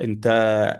انت،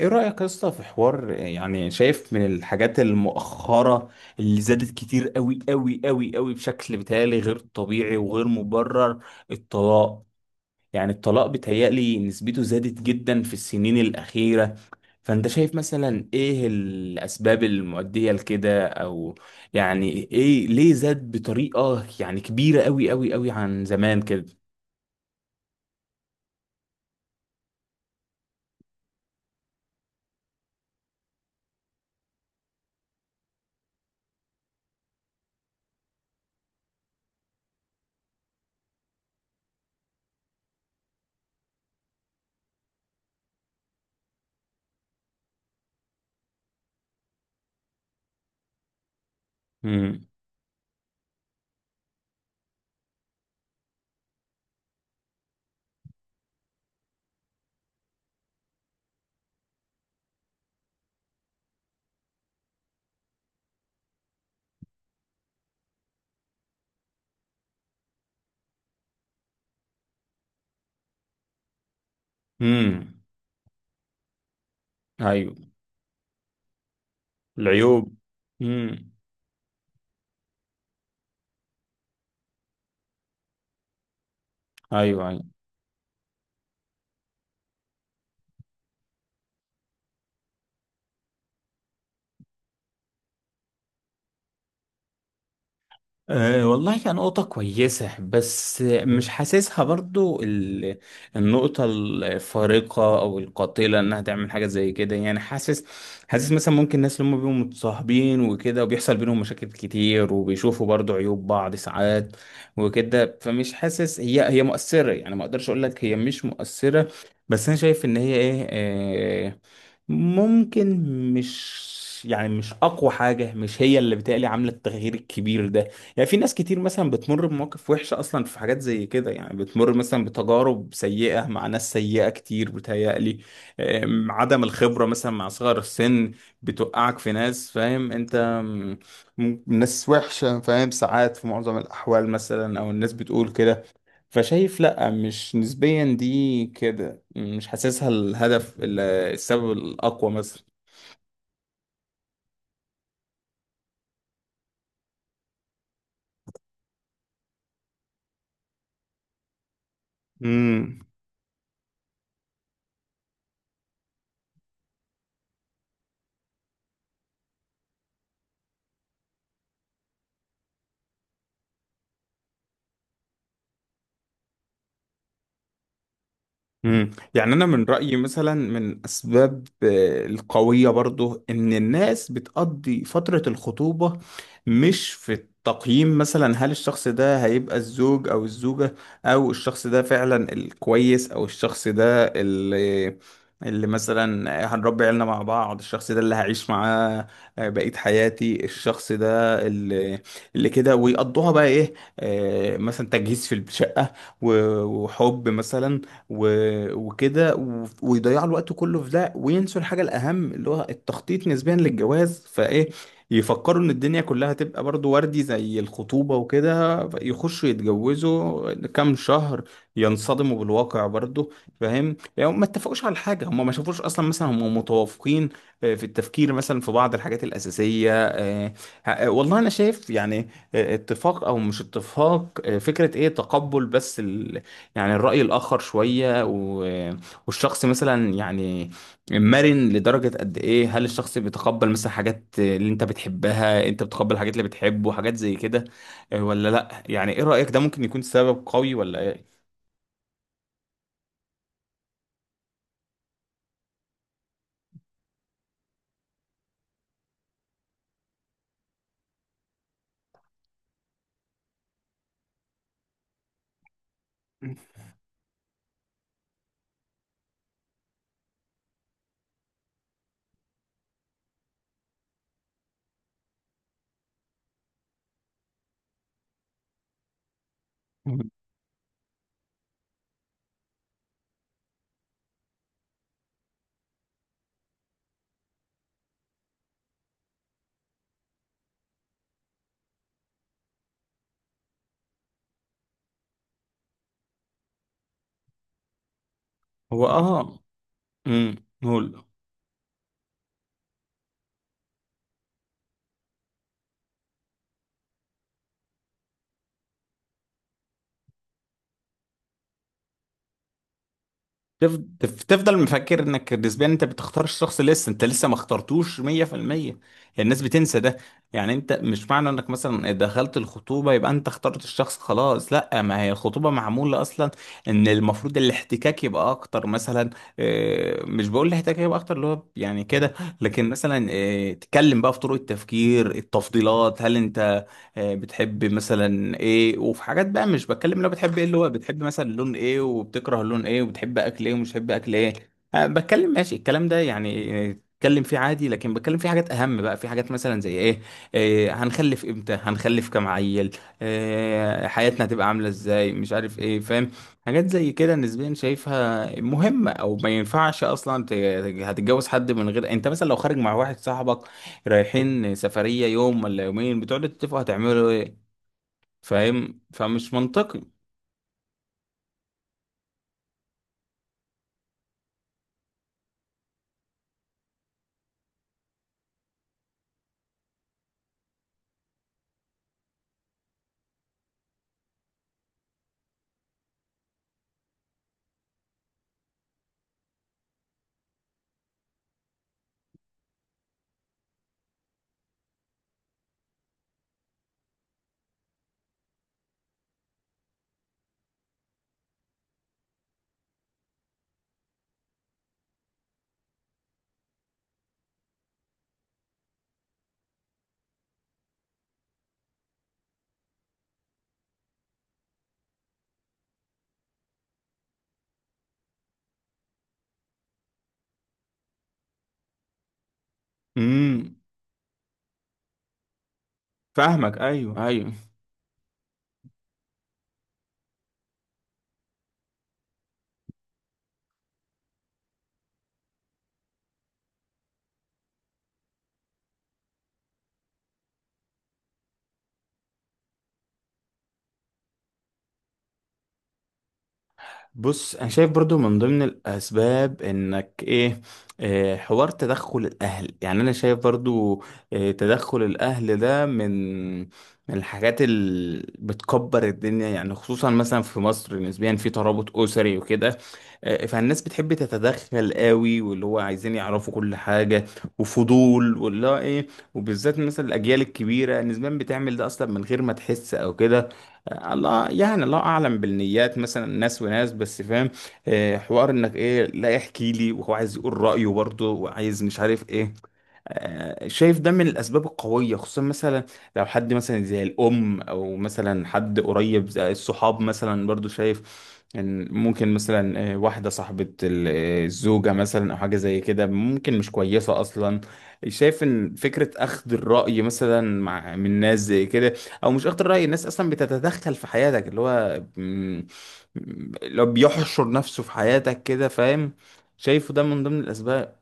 ايه رأيك يا اسطى في حوار؟ يعني شايف من الحاجات المؤخرة اللي زادت كتير قوي قوي قوي قوي بشكل بيتهيألي غير طبيعي وغير مبرر؟ الطلاق، يعني الطلاق بيتهيألي نسبته زادت جدا في السنين الأخيرة. فانت شايف مثلا ايه الأسباب المؤدية لكده، او يعني ايه ليه زاد بطريقة يعني كبيرة قوي قوي قوي عن زمان كده؟ امم. امم. ايوه. العيوب. امم. ايوه. أه والله كان نقطة كويسة، بس مش حاسسها برضو النقطة الفارقة أو القاتلة إنها تعمل حاجة زي كده. يعني حاسس مثلا ممكن الناس اللي هم بيبقوا متصاحبين وكده وبيحصل بينهم مشاكل كتير، وبيشوفوا برضو عيوب بعض ساعات وكده. فمش حاسس هي مؤثرة، يعني ما أقدرش أقول لك هي مش مؤثرة، بس أنا شايف إن هي إيه، أه، ممكن مش، يعني مش أقوى حاجة، مش هي اللي بتقلي عاملة التغيير الكبير ده. يعني في ناس كتير مثلا بتمر بمواقف وحشة أصلا في حاجات زي كده، يعني بتمر مثلا بتجارب سيئة مع ناس سيئة كتير بتهيألي. عدم الخبرة مثلا مع صغر السن بتوقعك في ناس، فاهم أنت، م- ناس وحشة فاهم ساعات في معظم الأحوال، مثلا أو الناس بتقول كده. فشايف لأ، مش نسبيا دي كده، مش حاسسها الهدف السبب الأقوى مثلا. امم. يعني انا من رايي مثلا من اسباب القويه برضو ان الناس بتقضي فتره الخطوبه مش في التقييم، مثلا هل الشخص ده هيبقى الزوج او الزوجه، او الشخص ده فعلا الكويس، او الشخص ده اللي، اللي مثلا هنربي عيالنا مع بعض، الشخص ده اللي هعيش معاه بقية حياتي، الشخص ده اللي، اللي كده ويقضوها بقى ايه، مثلا تجهيز في الشقة، وحب مثلا وكده ويضيعوا الوقت كله في ده وينسوا الحاجة الأهم اللي هو التخطيط نسبيا للجواز. فإيه، يفكروا إن الدنيا كلها هتبقى برضو وردي زي الخطوبة وكده، يخشوا يتجوزوا كام شهر ينصدموا بالواقع برضو. فاهم، يعني ما اتفقوش على حاجة، هم ما شافوش أصلا مثلا هم متوافقين في التفكير مثلا في بعض الحاجات الأساسية. والله أنا شايف يعني، اتفاق أو مش اتفاق، فكرة إيه، تقبل بس، يعني الرأي الآخر شوية، و... والشخص مثلا يعني مرن لدرجة قد إيه. هل الشخص بيتقبل مثلا حاجات اللي أنت بتحبها، أنت بتقبل الحاجات اللي بتحبه، حاجات زي كده، ولا لأ؟ يعني إيه رأيك؟ ده ممكن يكون سبب قوي ولا إيه؟ هو آه. امم. تفضل مفكر انك نسبيا انت بتختار الشخص لسه، انت لسه ما اخترتوش 100%. الناس بتنسى ده. يعني انت مش معنى انك مثلا دخلت الخطوبة يبقى انت اخترت الشخص خلاص، لا، ما هي الخطوبة معمولة اصلا ان المفروض الاحتكاك يبقى اكتر مثلا. مش بقول الاحتكاك يبقى اكتر اللي هو يعني كده، لكن مثلا تتكلم بقى في طرق التفكير، التفضيلات، هل انت بتحب مثلا ايه. وفي حاجات بقى مش بتكلم لو بتحب ايه، اللي هو بتحب مثلا لون ايه وبتكره لون ايه وبتحب اكل ايه ومش بتحب اكل ايه. أه بتكلم، ماشي الكلام ده، يعني اتكلم فيه عادي، لكن بتكلم فيه حاجات اهم بقى. في حاجات مثلا زي ايه، إيه، هنخلف امتى، هنخلف كام عيل، إيه حياتنا هتبقى عامله ازاي، مش عارف ايه، فاهم؟ حاجات زي كده نسبيا شايفها مهمه، او ما ينفعش اصلا هتتجوز حد من غير، انت مثلا لو خارج مع واحد صاحبك رايحين سفرية يوم ولا يومين بتقعدوا تتفقوا هتعملوا ايه، فاهم؟ فمش منطقي. امم. فاهمك، ايوه، ايوه. بص، انا شايف برضو من ضمن الاسباب انك ايه، حوار تدخل الاهل. يعني انا شايف برضو تدخل الاهل ده من من الحاجات اللي بتكبر الدنيا، يعني خصوصا مثلا في مصر نسبيا في ترابط اسري وكده. فالناس بتحب تتدخل قوي، واللي هو عايزين يعرفوا كل حاجة وفضول واللي هو ايه. وبالذات مثلا الاجيال الكبيرة نسبيا بتعمل ده اصلا من غير ما تحس او كده. الله، يعني الله اعلم بالنيات، مثلا ناس وناس، بس فاهم، حوار انك ايه، لا احكي لي، وهو عايز يقول رايه برضه، وعايز مش عارف ايه. شايف ده من الأسباب القوية، خصوصا مثلا لو حد مثلا زي الأم، أو مثلا حد قريب زي الصحاب مثلا، برضو شايف إن ممكن مثلا واحدة صاحبة الزوجة مثلا أو حاجة زي كده ممكن مش كويسة أصلا. شايف إن فكرة أخذ الرأي مثلا مع من ناس زي كده، أو مش أخذ الرأي، الناس أصلا بتتدخل في حياتك، اللي هو اللي هو بيحشر نفسه في حياتك كده، فاهم؟ شايفه ده من ضمن الأسباب.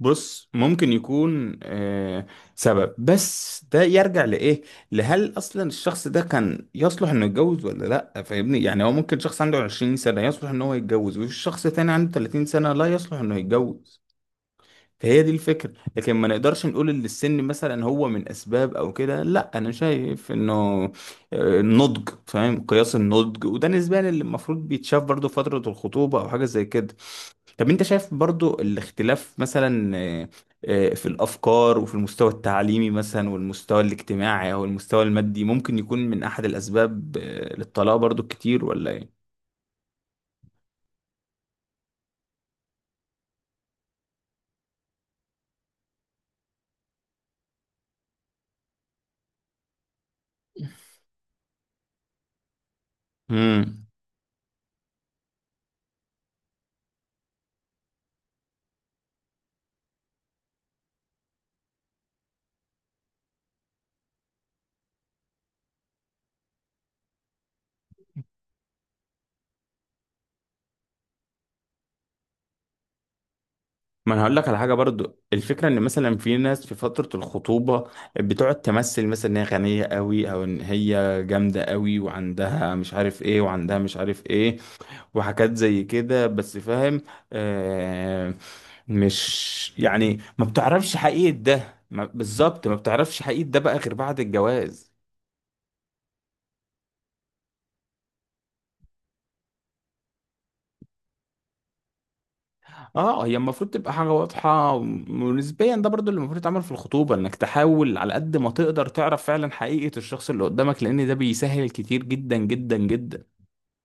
بص، ممكن يكون آه سبب، بس ده يرجع لإيه؟ لهل أصلا الشخص ده كان يصلح إنه يتجوز ولا لأ؟ فاهمني؟ يعني هو ممكن شخص عنده 20 سنة يصلح إن هو يتجوز، وفي شخص تاني عنده 30 سنة لا يصلح إنه يتجوز. فهي دي الفكرة، لكن ما نقدرش نقول إن السن مثلا هو من أسباب أو كده. لأ، أنا شايف إنه النضج، فاهم؟ قياس النضج، وده نسبيا اللي المفروض بيتشاف برضه في فترة الخطوبة أو حاجة زي كده. طب انت شايف برضو الاختلاف مثلا في الافكار وفي المستوى التعليمي مثلا والمستوى الاجتماعي او المستوى المادي، ممكن يكون من احد الاسباب للطلاق برضو كتير ولا ايه؟ امم. ما انا هقول لك على حاجه برضو. الفكره ان مثلا في ناس في فتره الخطوبه بتقعد تمثل مثلا ان هي غنيه قوي، او ان هي جامده قوي، وعندها مش عارف ايه، وعندها مش عارف ايه، وحاجات زي كده بس، فاهم آه. مش يعني ما بتعرفش حقيقة ده بالظبط، ما بتعرفش حقيقة ده بقى غير بعد الجواز. اه، هي المفروض تبقى حاجة واضحة، ونسبيا ده برضو اللي المفروض يتعمل في الخطوبة، انك تحاول على قد ما تقدر تعرف فعلا حقيقة الشخص اللي قدامك، لان ده بيسهل كتير جدا جدا جدا.